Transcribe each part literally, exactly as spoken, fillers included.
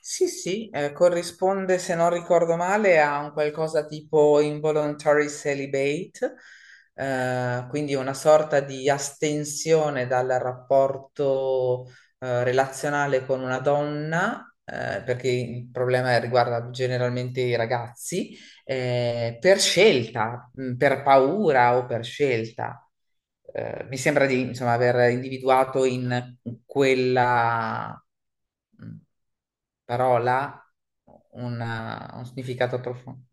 Sì, sì, eh, corrisponde, se non ricordo male, a un qualcosa tipo involuntary celibate, eh, quindi una sorta di astensione dal rapporto, eh, relazionale con una donna, eh, perché il problema riguarda generalmente i ragazzi, eh, per scelta, mh, per paura o per scelta eh, mi sembra di, insomma, aver individuato in quella mh, parola una- un significato profondo.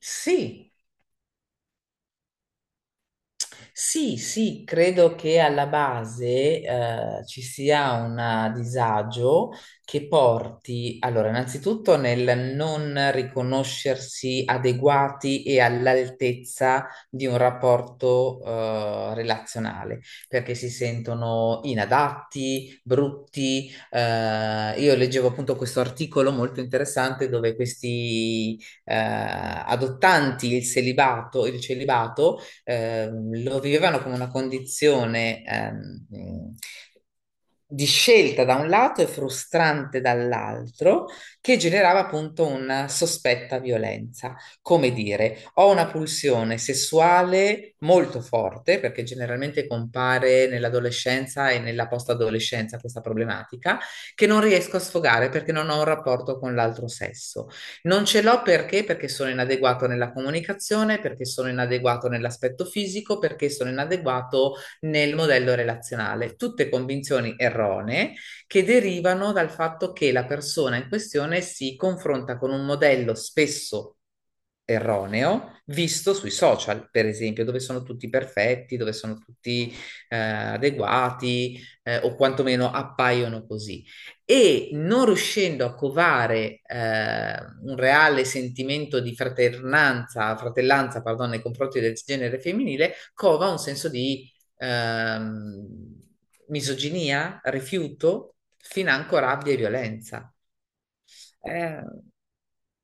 Sì, sì, sì, credo che alla base eh, ci sia un disagio che porti, allora, innanzitutto nel non riconoscersi adeguati e all'altezza di un rapporto eh, relazionale, perché si sentono inadatti, brutti. Eh, io leggevo appunto questo articolo molto interessante dove questi eh, adottanti il celibato, il celibato ehm, lo vivevano come una condizione ehm, di scelta da un lato e frustrante dall'altro, che generava appunto una sospetta violenza. Come dire, ho una pulsione sessuale molto forte, perché generalmente compare nell'adolescenza e nella post-adolescenza questa problematica, che non riesco a sfogare perché non ho un rapporto con l'altro sesso. Non ce l'ho perché? Perché sono inadeguato nella comunicazione, perché sono inadeguato nell'aspetto fisico, perché sono inadeguato nel modello relazionale. Tutte convinzioni erronee che derivano dal fatto che la persona in questione si confronta con un modello spesso erroneo visto sui social, per esempio, dove sono tutti perfetti, dove sono tutti eh, adeguati, eh, o quantomeno appaiono così. E non riuscendo a covare eh, un reale sentimento di fraternanza, fratellanza, pardon, nei confronti del genere femminile, cova un senso di ehm, misoginia, rifiuto, financo rabbia e violenza. Eh,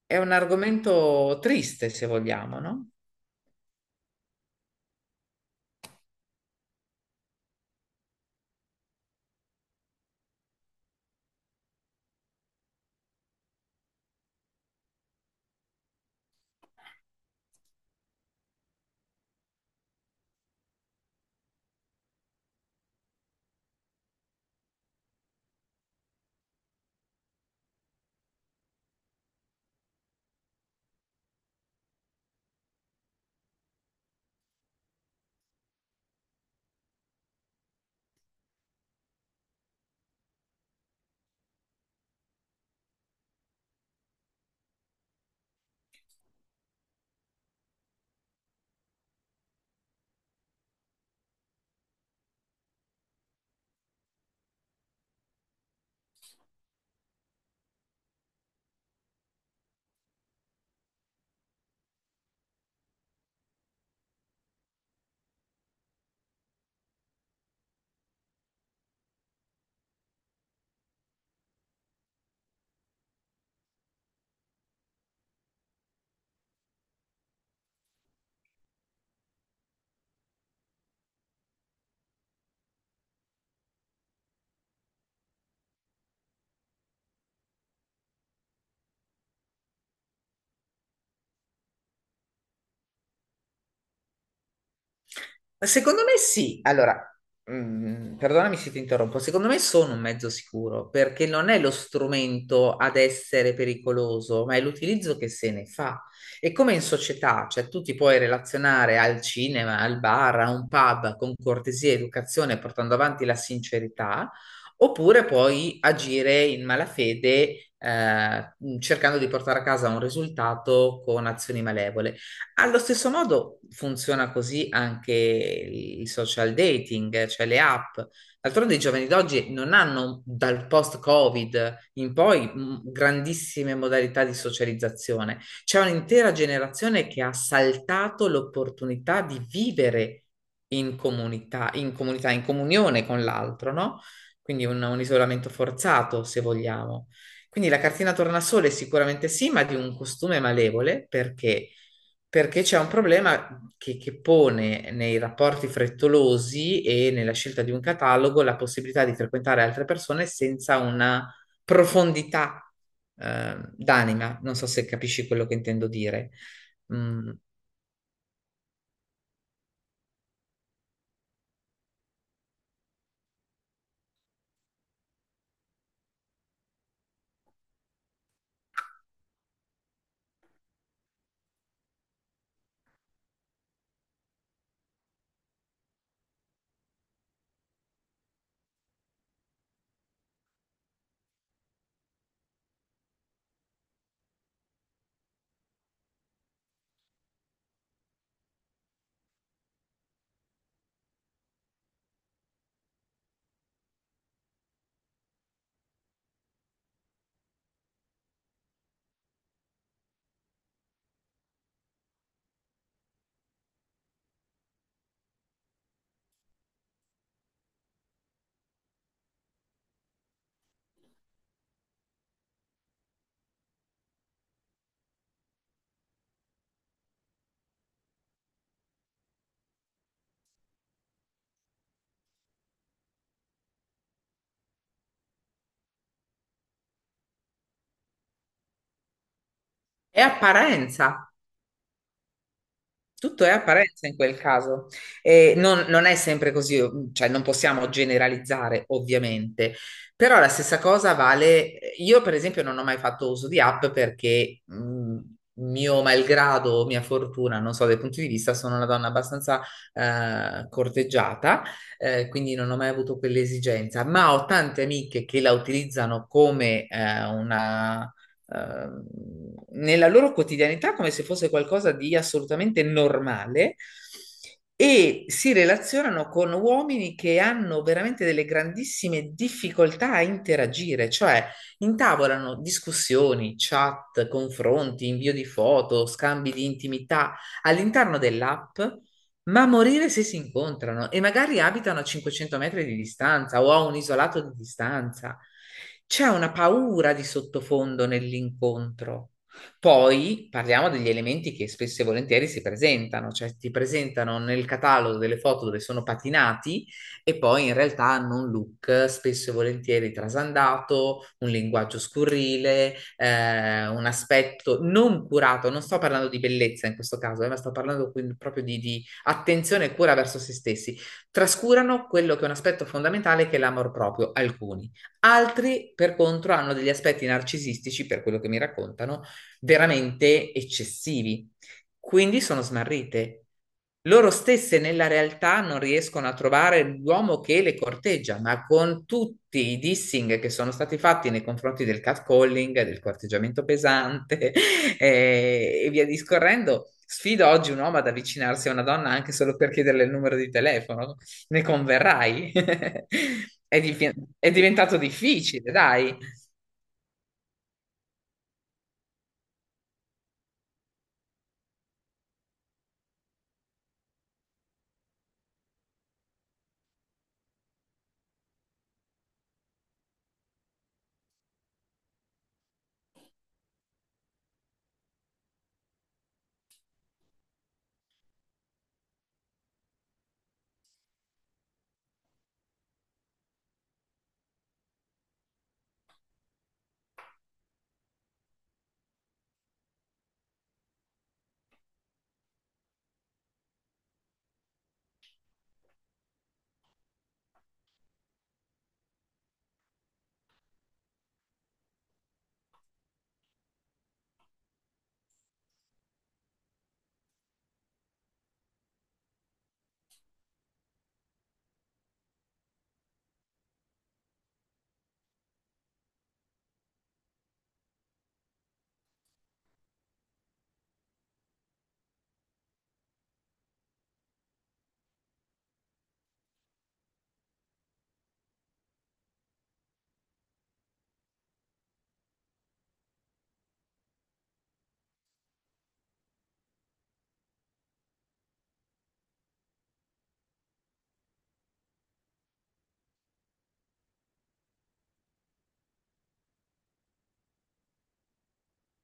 è un argomento triste, se vogliamo, no? Secondo me sì. Allora, mm, perdonami se ti interrompo. Secondo me sono un mezzo sicuro perché non è lo strumento ad essere pericoloso, ma è l'utilizzo che se ne fa. E come in società, cioè tu ti puoi relazionare al cinema, al bar, a un pub con cortesia e educazione, portando avanti la sincerità, oppure puoi agire in malafede, eh, cercando di portare a casa un risultato con azioni malevole. Allo stesso modo funziona così anche il social dating, cioè le app. D'altronde i giovani d'oggi non hanno dal post-Covid in poi mh, grandissime modalità di socializzazione. C'è un'intera generazione che ha saltato l'opportunità di vivere in comunità, in comunità, in comunione con l'altro, no? Quindi un, un isolamento forzato, se vogliamo. Quindi la cartina tornasole sicuramente sì, ma di un costume malevole perché perché c'è un problema che, che pone nei rapporti frettolosi e nella scelta di un catalogo la possibilità di frequentare altre persone senza una profondità eh, d'anima. Non so se capisci quello che intendo dire. Mm, è apparenza. Tutto è apparenza in quel caso. E non, non è sempre così, cioè non possiamo generalizzare ovviamente, però la stessa cosa vale. Io, per esempio, non ho mai fatto uso di app perché, mh, mio malgrado o mia fortuna, non so, dai punti di vista, sono una donna abbastanza eh, corteggiata, eh, quindi non ho mai avuto quell'esigenza, ma ho tante amiche che la utilizzano come eh, una ehm, nella loro quotidianità come se fosse qualcosa di assolutamente normale e si relazionano con uomini che hanno veramente delle grandissime difficoltà a interagire, cioè intavolano discussioni, chat, confronti, invio di foto, scambi di intimità all'interno dell'app ma a morire se si incontrano e magari abitano a cinquecento metri di distanza o a un isolato di distanza. C'è una paura di sottofondo nell'incontro. Poi parliamo degli elementi che spesso e volentieri si presentano, cioè ti presentano nel catalogo delle foto dove sono patinati e poi in realtà hanno un look spesso e volentieri trasandato, un linguaggio scurrile, eh, un aspetto non curato. Non sto parlando di bellezza in questo caso, eh, ma sto parlando quindi proprio di di- attenzione e cura verso se stessi. Trascurano quello che è un aspetto fondamentale che è l'amor proprio, alcuni. Altri, per contro, hanno degli aspetti narcisistici, per quello che mi raccontano, veramente eccessivi quindi sono smarrite. Loro stesse nella realtà non riescono a trovare l'uomo che le corteggia, ma con tutti i dissing che sono stati fatti nei confronti del catcalling, del corteggiamento pesante eh, e via discorrendo, sfido oggi un uomo ad avvicinarsi a una donna anche solo per chiederle il numero di telefono. Ne converrai. È, div- è diventato difficile, dai.